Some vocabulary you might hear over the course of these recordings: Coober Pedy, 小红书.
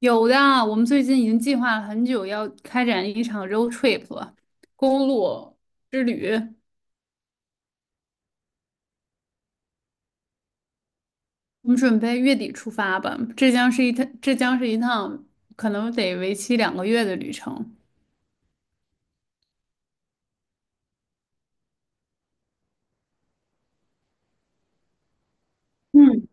有的啊，我们最近已经计划了很久，要开展一场 road trip 了，公路之旅。我们准备月底出发吧，这将是一趟，可能得为期2个月的旅程。嗯，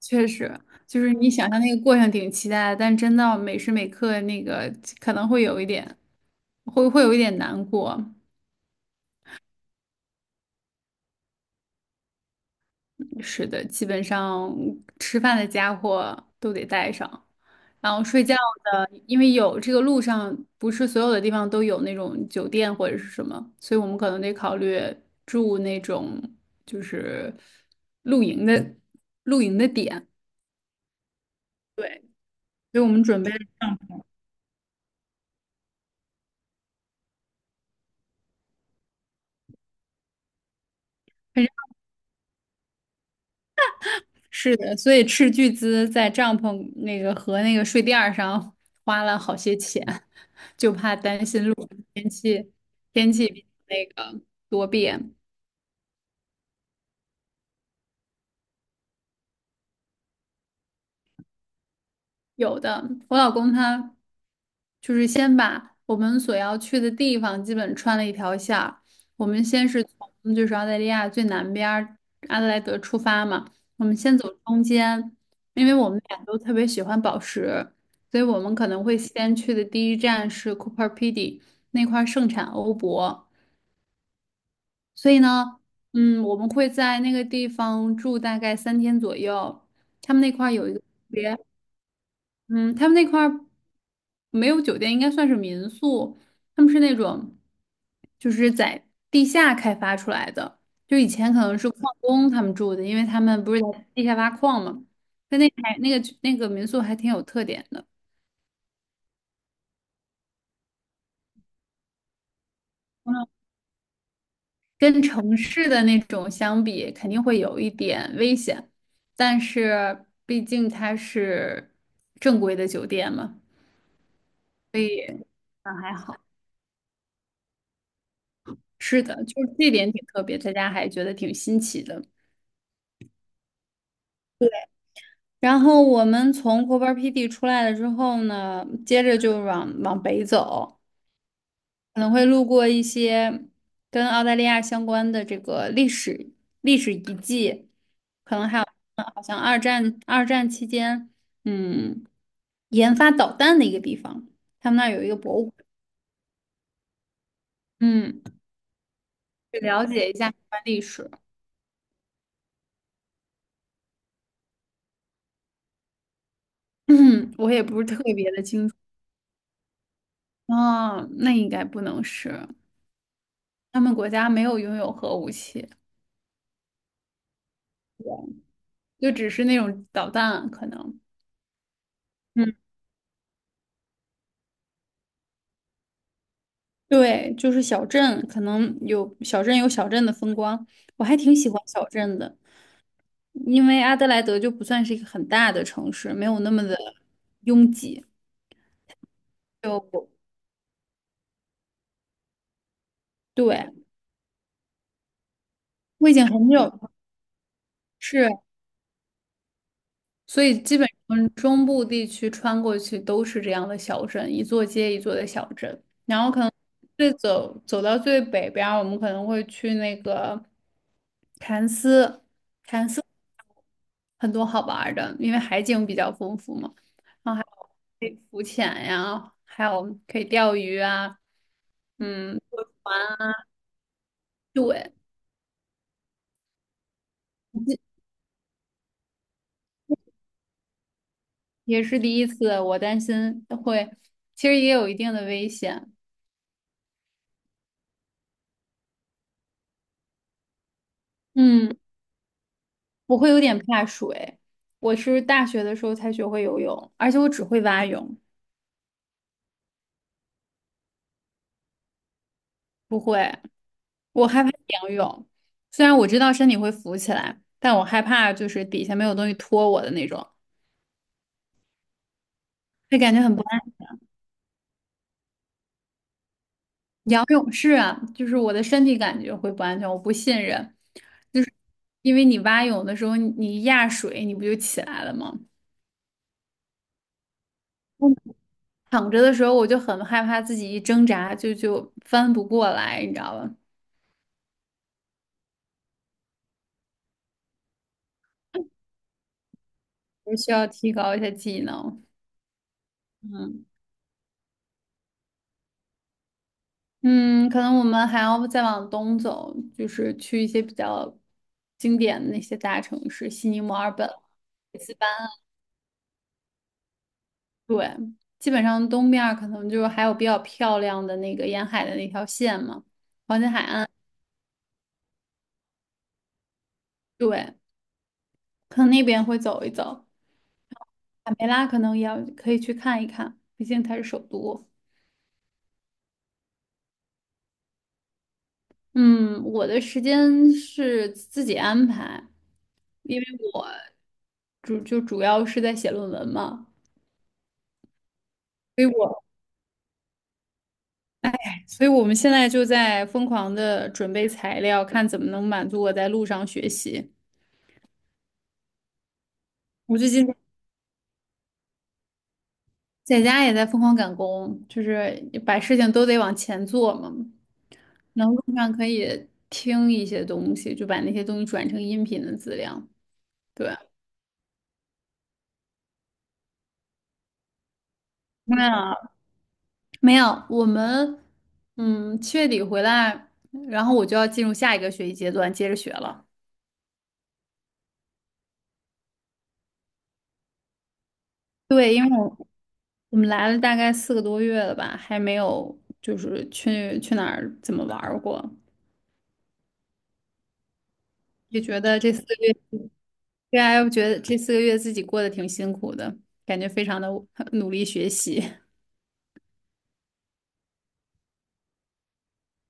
确实，就是你想象那个过程挺期待的，但真到每时每刻那个可能会有一点，会有一点难过。是的，基本上吃饭的家伙都得带上，然后睡觉的，因为有这个路上不是所有的地方都有那种酒店或者是什么，所以我们可能得考虑住那种就是露营的露营的点。对，所以我们准备是的，所以斥巨资在帐篷那个和那个睡垫儿上花了好些钱，就怕担心路上天气多变。有的，我老公他就是先把我们所要去的地方基本穿了一条线儿。我们先是从就是澳大利亚最南边儿阿德莱德出发嘛，我们先走中间，因为我们俩都特别喜欢宝石，所以我们可能会先去的第一站是 Cooper Pedy。 那块儿盛产欧泊，所以呢，嗯，我们会在那个地方住大概3天左右。他们那块儿有一个。嗯，他们那块儿没有酒店，应该算是民宿。他们是那种，就是在地下开发出来的。就以前可能是矿工他们住的，因为他们不是在地下挖矿嘛。但那还那个民宿还挺有特点的。嗯，跟城市的那种相比，肯定会有一点危险。但是毕竟它是正规的酒店嘛，所以还好。是的，就是这点挺特别，大家还觉得挺新奇的。然后我们从 Coope 出来了之后呢，接着就往北走，可能会路过一些跟澳大利亚相关的这个历史遗迹，好像二战期间，嗯，研发导弹的一个地方，他们那儿有一个博物馆，嗯，去了解一下相关历史。我也不是特别的清楚。哦，那应该不能是，他们国家没有拥有核武器，就只是那种导弹可能。嗯。对，就是小镇，可能有小镇的风光，我还挺喜欢小镇的，因为阿德莱德就不算是一个很大的城市，没有那么的拥挤。就对，我已经很久是，所以基本上中部地区穿过去都是这样的小镇，一座接一座的小镇。然后走到最北边儿我们可能会去那个凯恩斯。很多好玩儿的，因为海景比较丰富嘛，然后还可以浮潜呀，还有可以钓鱼啊。嗯，对，也是第一次，我担心会，其实也有一定的危险。嗯，我会有点怕水，我是大学的时候才学会游泳，而且我只会蛙泳。不会，我害怕仰泳，虽然我知道身体会浮起来，但我害怕就是底下没有东西托我的那种，会感觉很不安。不用，是啊，就是我的身体感觉会不安全，我不信任，就是因为你蛙泳的时候，你一压水，你不就起来了吗？嗯，躺着的时候，我就很害怕自己一挣扎就翻不过来，你知道吧？我需要提高一下技能。嗯嗯，可能我们还要再往东走，就是去一些比较经典的那些大城市，悉尼、墨尔本。对，基本上东面儿可能就还有比较漂亮的那个沿海的那条线嘛，黄金海岸，对，可能那边会走一走，卡梅拉可能也要可以去看一看，毕竟它是首都。嗯，我的时间是自己安排，因为我主要是在写论文嘛，所以我所以我们现在就在疯狂的准备材料，看怎么能满足我在路上学习。我最近在家也在疯狂赶工，就是把事情都得往前做嘛。然后路上可以听一些东西，就把那些东西转成音频的资料。对，那没有，我们7月底回来，然后我就要进入下一个学习阶段，接着学了。对，因为我们来了大概4个多月了吧，还没有就是去哪儿怎么玩儿过，也觉得这四个月。对啊，我觉得这四个月自己过得挺辛苦的，感觉非常的努力学习。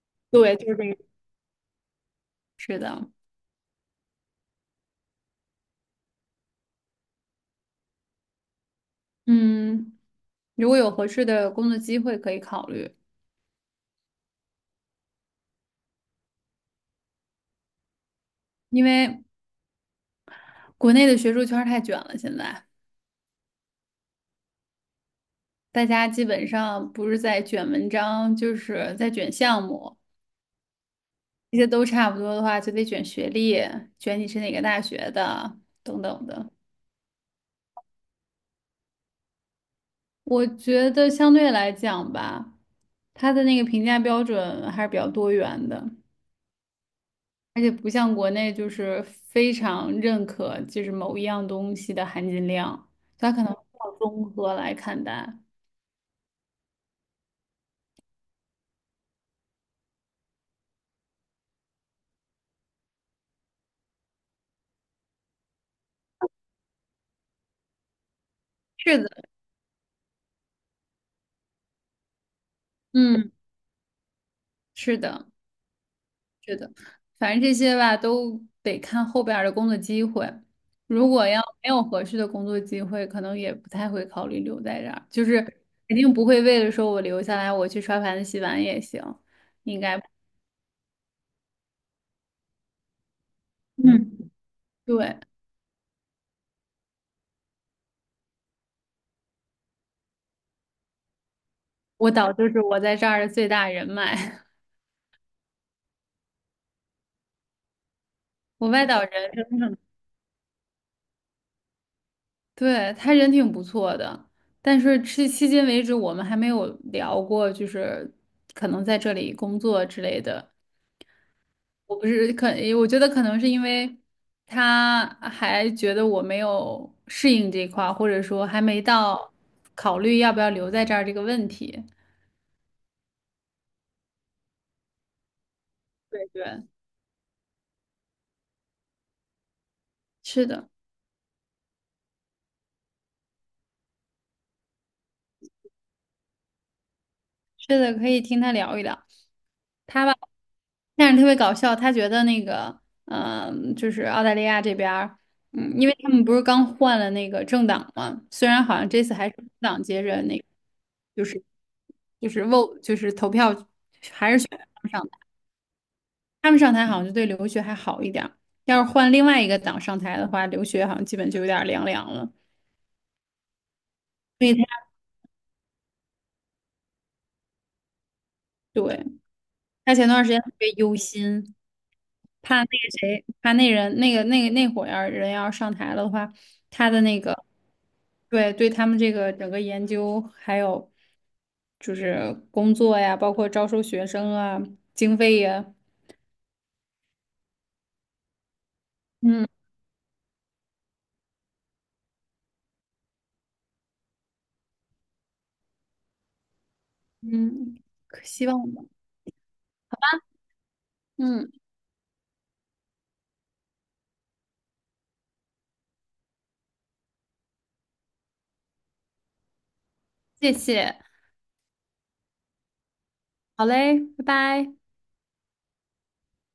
对，就是这个。是的，嗯，如果有合适的工作机会可以考虑，因为国内的学术圈儿太卷了，现在大家基本上不是在卷文章，就是在卷项目，这些都差不多的话，就得卷学历，卷你是哪个大学的，等等的。我觉得相对来讲吧，他的那个评价标准还是比较多元的。而且不像国内就是非常认可就是某一样东西的含金量，它可能要综合来看待。是的，嗯，是的，是的，反正这些吧都得看后边儿的工作机会。如果要没有合适的工作机会，可能也不太会考虑留在这儿，就是肯定不会为了说我留下来，我去刷盘子洗碗也行，应该不。嗯，对，我导就是我在这儿的最大人脉，我外导人。对，他人挺不错的，但是迄今为止我们还没有聊过，就是可能在这里工作之类的。我不是可，我觉得可能是因为他还觉得我没有适应这块儿，或者说还没到考虑要不要留在这儿这个问题。对对，是的，是的，可以听他聊一聊。他吧。但是特别搞笑，他觉得那个，就是澳大利亚这边儿，嗯，因为他们不是刚换了那个政党嘛，虽然好像这次还是工党接着那个，就是就是 vote 就是投票上台，他们上台好像就对留学还好一点儿，要是换另外一个党上台的话，留学好像基本就有点儿凉凉了。所以对，他前段时间特别忧心，怕那个谁，怕那人那伙要上台了的话，他的那个对对，他们这个整个研究还有就是工作呀，包括招收学生啊，经费呀。嗯嗯，可希望吧。嗯，谢谢，好嘞，拜拜。